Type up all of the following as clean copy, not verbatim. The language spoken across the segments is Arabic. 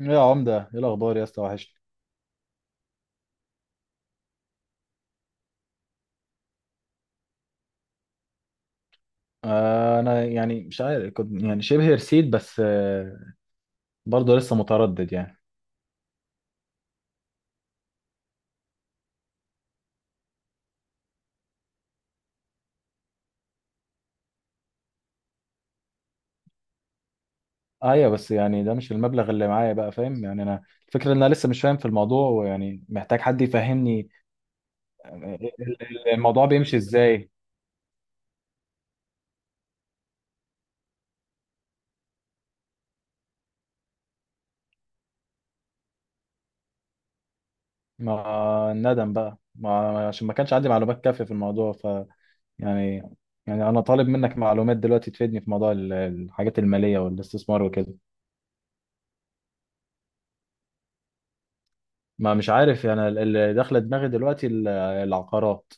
يا عمدة، ايه الأخبار يا اسطى؟ وحشني. أنا يعني مش عارف، كنت يعني شبه رسيت، بس برضه لسه متردد يعني. أيوة، بس يعني ده مش المبلغ اللي معايا، بقى فاهم يعني؟ أنا الفكرة إن أنا لسه مش فاهم في الموضوع، ويعني محتاج حد يفهمني. الموضوع بيمشي إزاي؟ ما الندم بقى، ما عشان ما كانش عندي معلومات كافية في الموضوع، ف يعني يعني أنا طالب منك معلومات دلوقتي تفيدني في موضوع الحاجات المالية والاستثمار وكده. ما مش عارف يعني اللي داخله دماغي دلوقتي العقارات.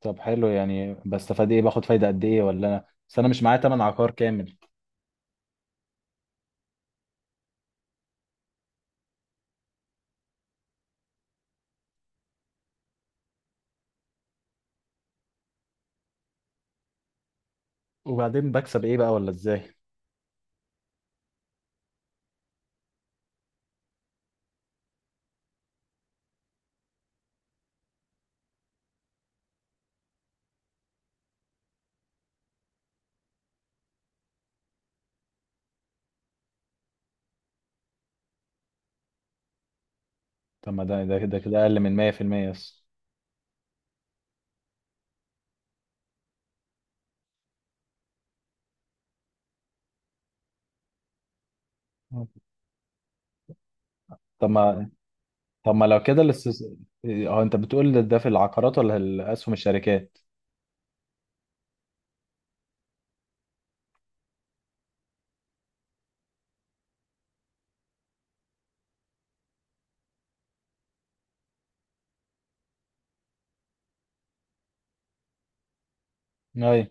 طب حلو، يعني بستفاد ايه؟ باخد فايده قد ايه؟ ولا انا بس انا مش معايا تمن عقار كامل. وبعدين بكسب ايه بقى، ولا ازاي؟ طب ما ده كده اقل من 100% بس. طب ما طب ما لو كده اه، انت بتقول ده في العقارات ولا الاسهم الشركات؟ ايوه،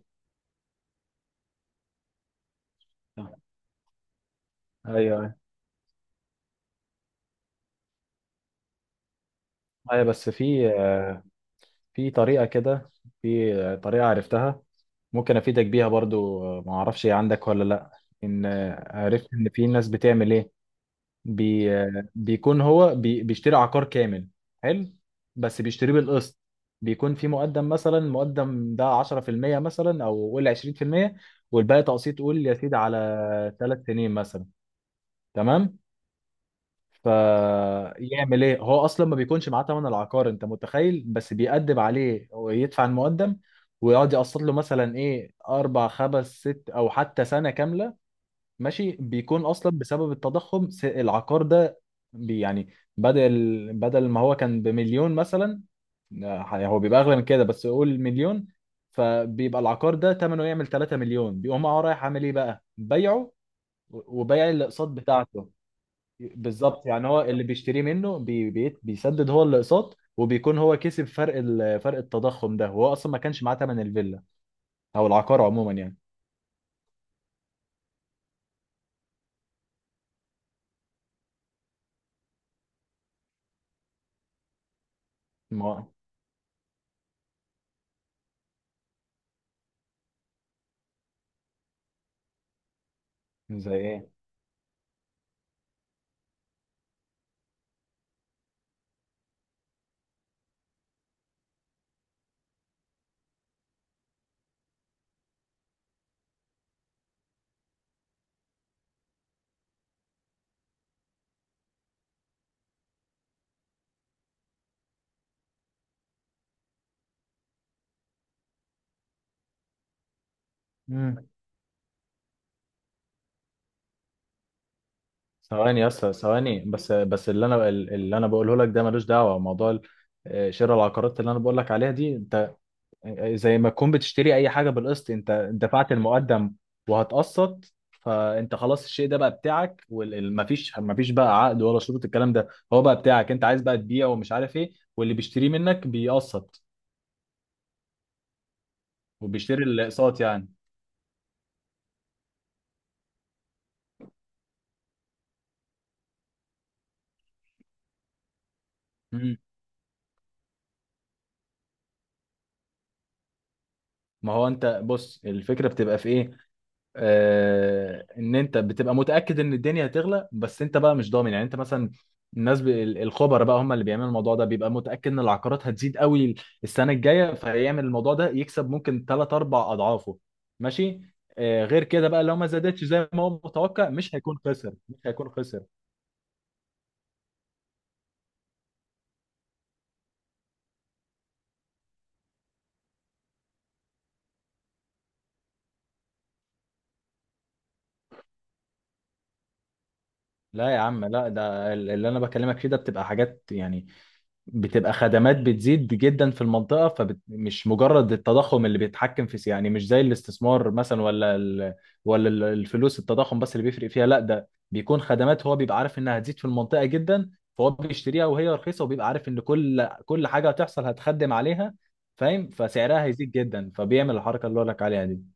ايوه، ايوه، بس في طريقه كده. في طريقه عرفتها، ممكن افيدك بيها برضو. ما اعرفش هي عندك ولا لا. ان آه، عرفت ان في ناس بتعمل ايه. بي آه، بيكون هو بيشتري عقار كامل. حلو، بس بيشتريه بالقسط. بيكون في مقدم، مثلا المقدم ده 10%، مثلا او قول 20%، والباقي تقسيط، قول يا سيدي على 3 سنين مثلا. تمام، فيعمل ايه؟ هو اصلا ما بيكونش معاه تمن العقار، انت متخيل؟ بس بيأدب عليه ويدفع المقدم، ويقعد يقسط له مثلا ايه، اربع خمس ست او حتى سنه كامله. ماشي، بيكون اصلا بسبب التضخم العقار ده يعني بدل ما هو كان بمليون مثلا، هو بيبقى اغلى من كده، بس قول مليون. فبيبقى العقار ده ثمنه يعمل 3 مليون، بيقوم هو رايح عامل ايه بقى؟ بيعه وبيع الاقساط بتاعته. بالظبط، يعني هو اللي بيشتريه منه بي بي بيسدد هو الاقساط، وبيكون هو كسب فرق فرق التضخم ده، وهو اصلا ما كانش معاه ثمن الفيلا او العقار عموما يعني. ما هو زي ايه. مم. ثواني يا اسطى، ثواني، بس اللي انا بقوله لك ده ملوش دعوه. موضوع شراء العقارات اللي انا بقول لك عليها دي، انت زي ما تكون بتشتري اي حاجه بالقسط، انت دفعت المقدم وهتقسط. فانت خلاص، الشيء ده بقى بتاعك، ومفيش مفيش بقى عقد ولا شروط الكلام ده. هو بقى بتاعك، انت عايز بقى تبيعه ومش عارف ايه، واللي بيشتريه منك بيقسط، وبيشتري الاقساط يعني. مم. ما هو انت بص، الفكره بتبقى في ايه؟ ان انت بتبقى متاكد ان الدنيا هتغلى، بس انت بقى مش ضامن يعني، انت مثلا الناس الخبراء بقى هم اللي بيعملوا الموضوع ده، بيبقى متاكد ان العقارات هتزيد قوي السنه الجايه، فيعمل الموضوع ده يكسب ممكن 3 4 اضعافه. ماشي. غير كده بقى، لو ما زادتش زي ما هو متوقع، مش هيكون خسر، مش هيكون خسر. لا يا عم، لا، ده اللي انا بكلمك فيه ده بتبقى حاجات يعني، بتبقى خدمات بتزيد جدا في المنطقة، فمش مجرد التضخم اللي بيتحكم في، يعني مش زي الاستثمار مثلا ولا ال... ولا الفلوس، التضخم بس اللي بيفرق فيها. لا، ده بيكون خدمات، هو بيبقى عارف انها هتزيد في المنطقة جدا، فهو بيشتريها وهي رخيصة، وبيبقى عارف ان كل حاجة هتحصل هتخدم عليها فاهم، فسعرها هيزيد جدا، فبيعمل الحركة اللي هقول لك عليها دي.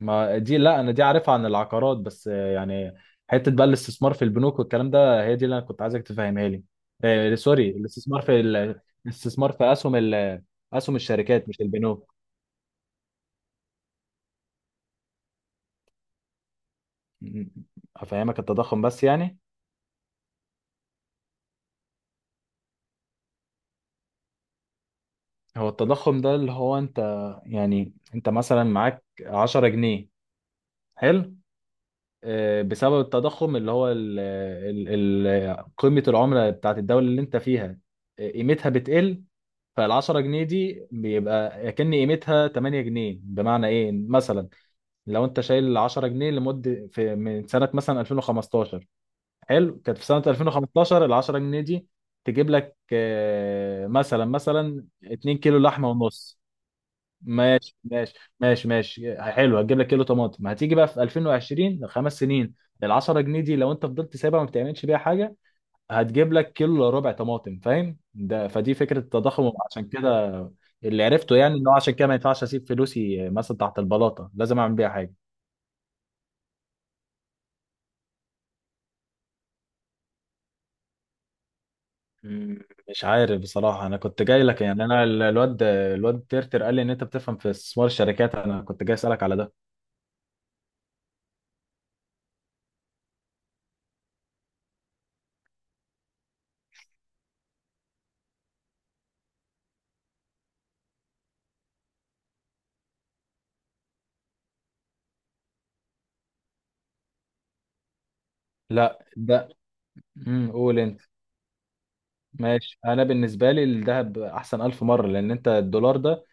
ما دي، لا انا دي عارفها عن العقارات بس، يعني حته بقى الاستثمار في البنوك والكلام ده، هي دي اللي انا كنت عايزك تفهمها لي. سوري، الاستثمار في اسهم اسهم الشركات مش البنوك. م- افهمك التضخم بس يعني. هو التضخم ده اللي هو انت يعني، انت مثلا معاك 10 جنيه. حلو، بسبب التضخم اللي هو ال قيمة العملة بتاعت الدولة اللي انت فيها، قيمتها بتقل. فالعشرة جنيه دي بيبقى كأن قيمتها 8 جنيه، بمعنى ايه مثلا؟ لو انت شايل 10 جنيه لمدة، في من سنة مثلا 2015، حلو، كانت في سنة 2015 العشرة جنيه دي تجيب لك مثلا 2 كيلو لحمة ونص. ماشي، ماشي، ماشي، ماشي، حلو، هتجيب لك كيلو طماطم. هتيجي بقى في 2020، 5 سنين، ال 10 جنيه دي لو انت فضلت سايبها ما بتعملش بيها حاجه، هتجيب لك كيلو إلا ربع طماطم، فاهم؟ ده فدي فكره التضخم، عشان كده اللي عرفته يعني، ان هو عشان كده ما ينفعش اسيب فلوسي مثلا تحت البلاطه، لازم اعمل بيها حاجه. مم، مش عارف بصراحه، انا كنت جاي لك يعني، انا الواد ترتر قال لي ان انت بتفهم في استثمار الشركات، انا كنت جاي اسالك على ده. لا ده. قول انت. ماشي، انا بالنسبه لي الذهب احسن الف مره، لان انت الدولار ده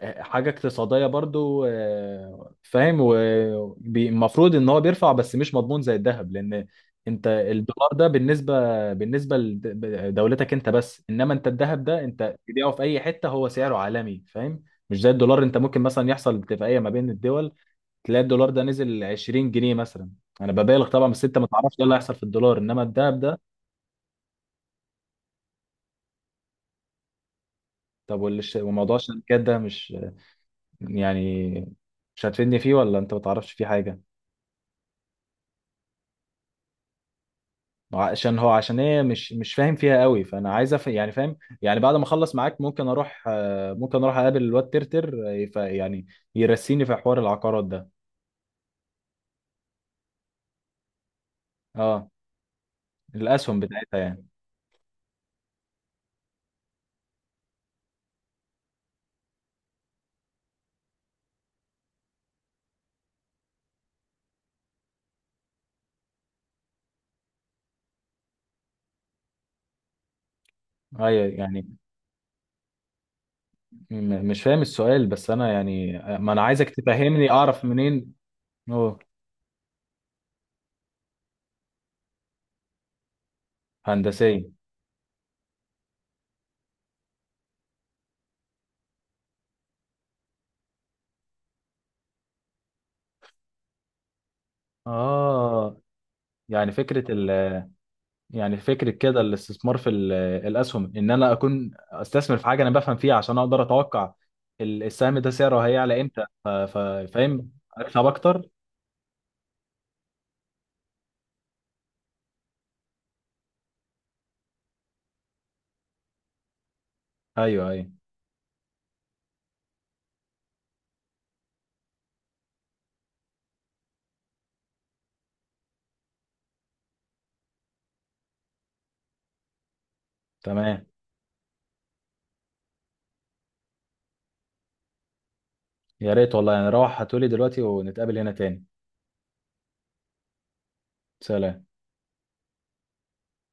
حاجه اقتصاديه برضو، فاهم، والمفروض ان هو بيرفع بس مش مضمون زي الذهب، لان انت الدولار ده بالنسبه لدولتك انت بس، انما انت الذهب ده انت تبيعه في اي حته، هو سعره عالمي، فاهم؟ مش زي الدولار، انت ممكن مثلا يحصل اتفاقيه ما بين الدول، تلاقي الدولار ده نزل 20 جنيه مثلا، انا ببالغ طبعا، بس انت ما تعرفش ايه اللي هيحصل في الدولار، انما الذهب ده... طب وموضوع الشركات ده مش يعني، مش هتفيدني فيه ولا انت ما تعرفش فيه حاجه؟ عشان هو عشان ايه مش فاهم فيها قوي، فانا عايز يعني فاهم يعني، بعد ما اخلص معاك ممكن اروح، ممكن اروح اقابل الواد ترتر، يعني يرسيني في حوار العقارات ده. اه. الاسهم بتاعتها يعني. ايوه يعني، مش فاهم السؤال، بس انا يعني ما انا عايزك تفهمني اعرف منين. اوه. هندسيه. اه. يعني فكره، يعني فكرة كده الاستثمار في الأسهم، إن أنا أكون أستثمر في حاجة أنا بفهم فيها، عشان أقدر أتوقع السهم ده سعره هيعلى إمتى، فاهم، أكسب أكتر. أيوه، أيوه. تمام. يا ريت والله، يعني روح هاتولي دلوقتي ونتقابل هنا تاني. سلام.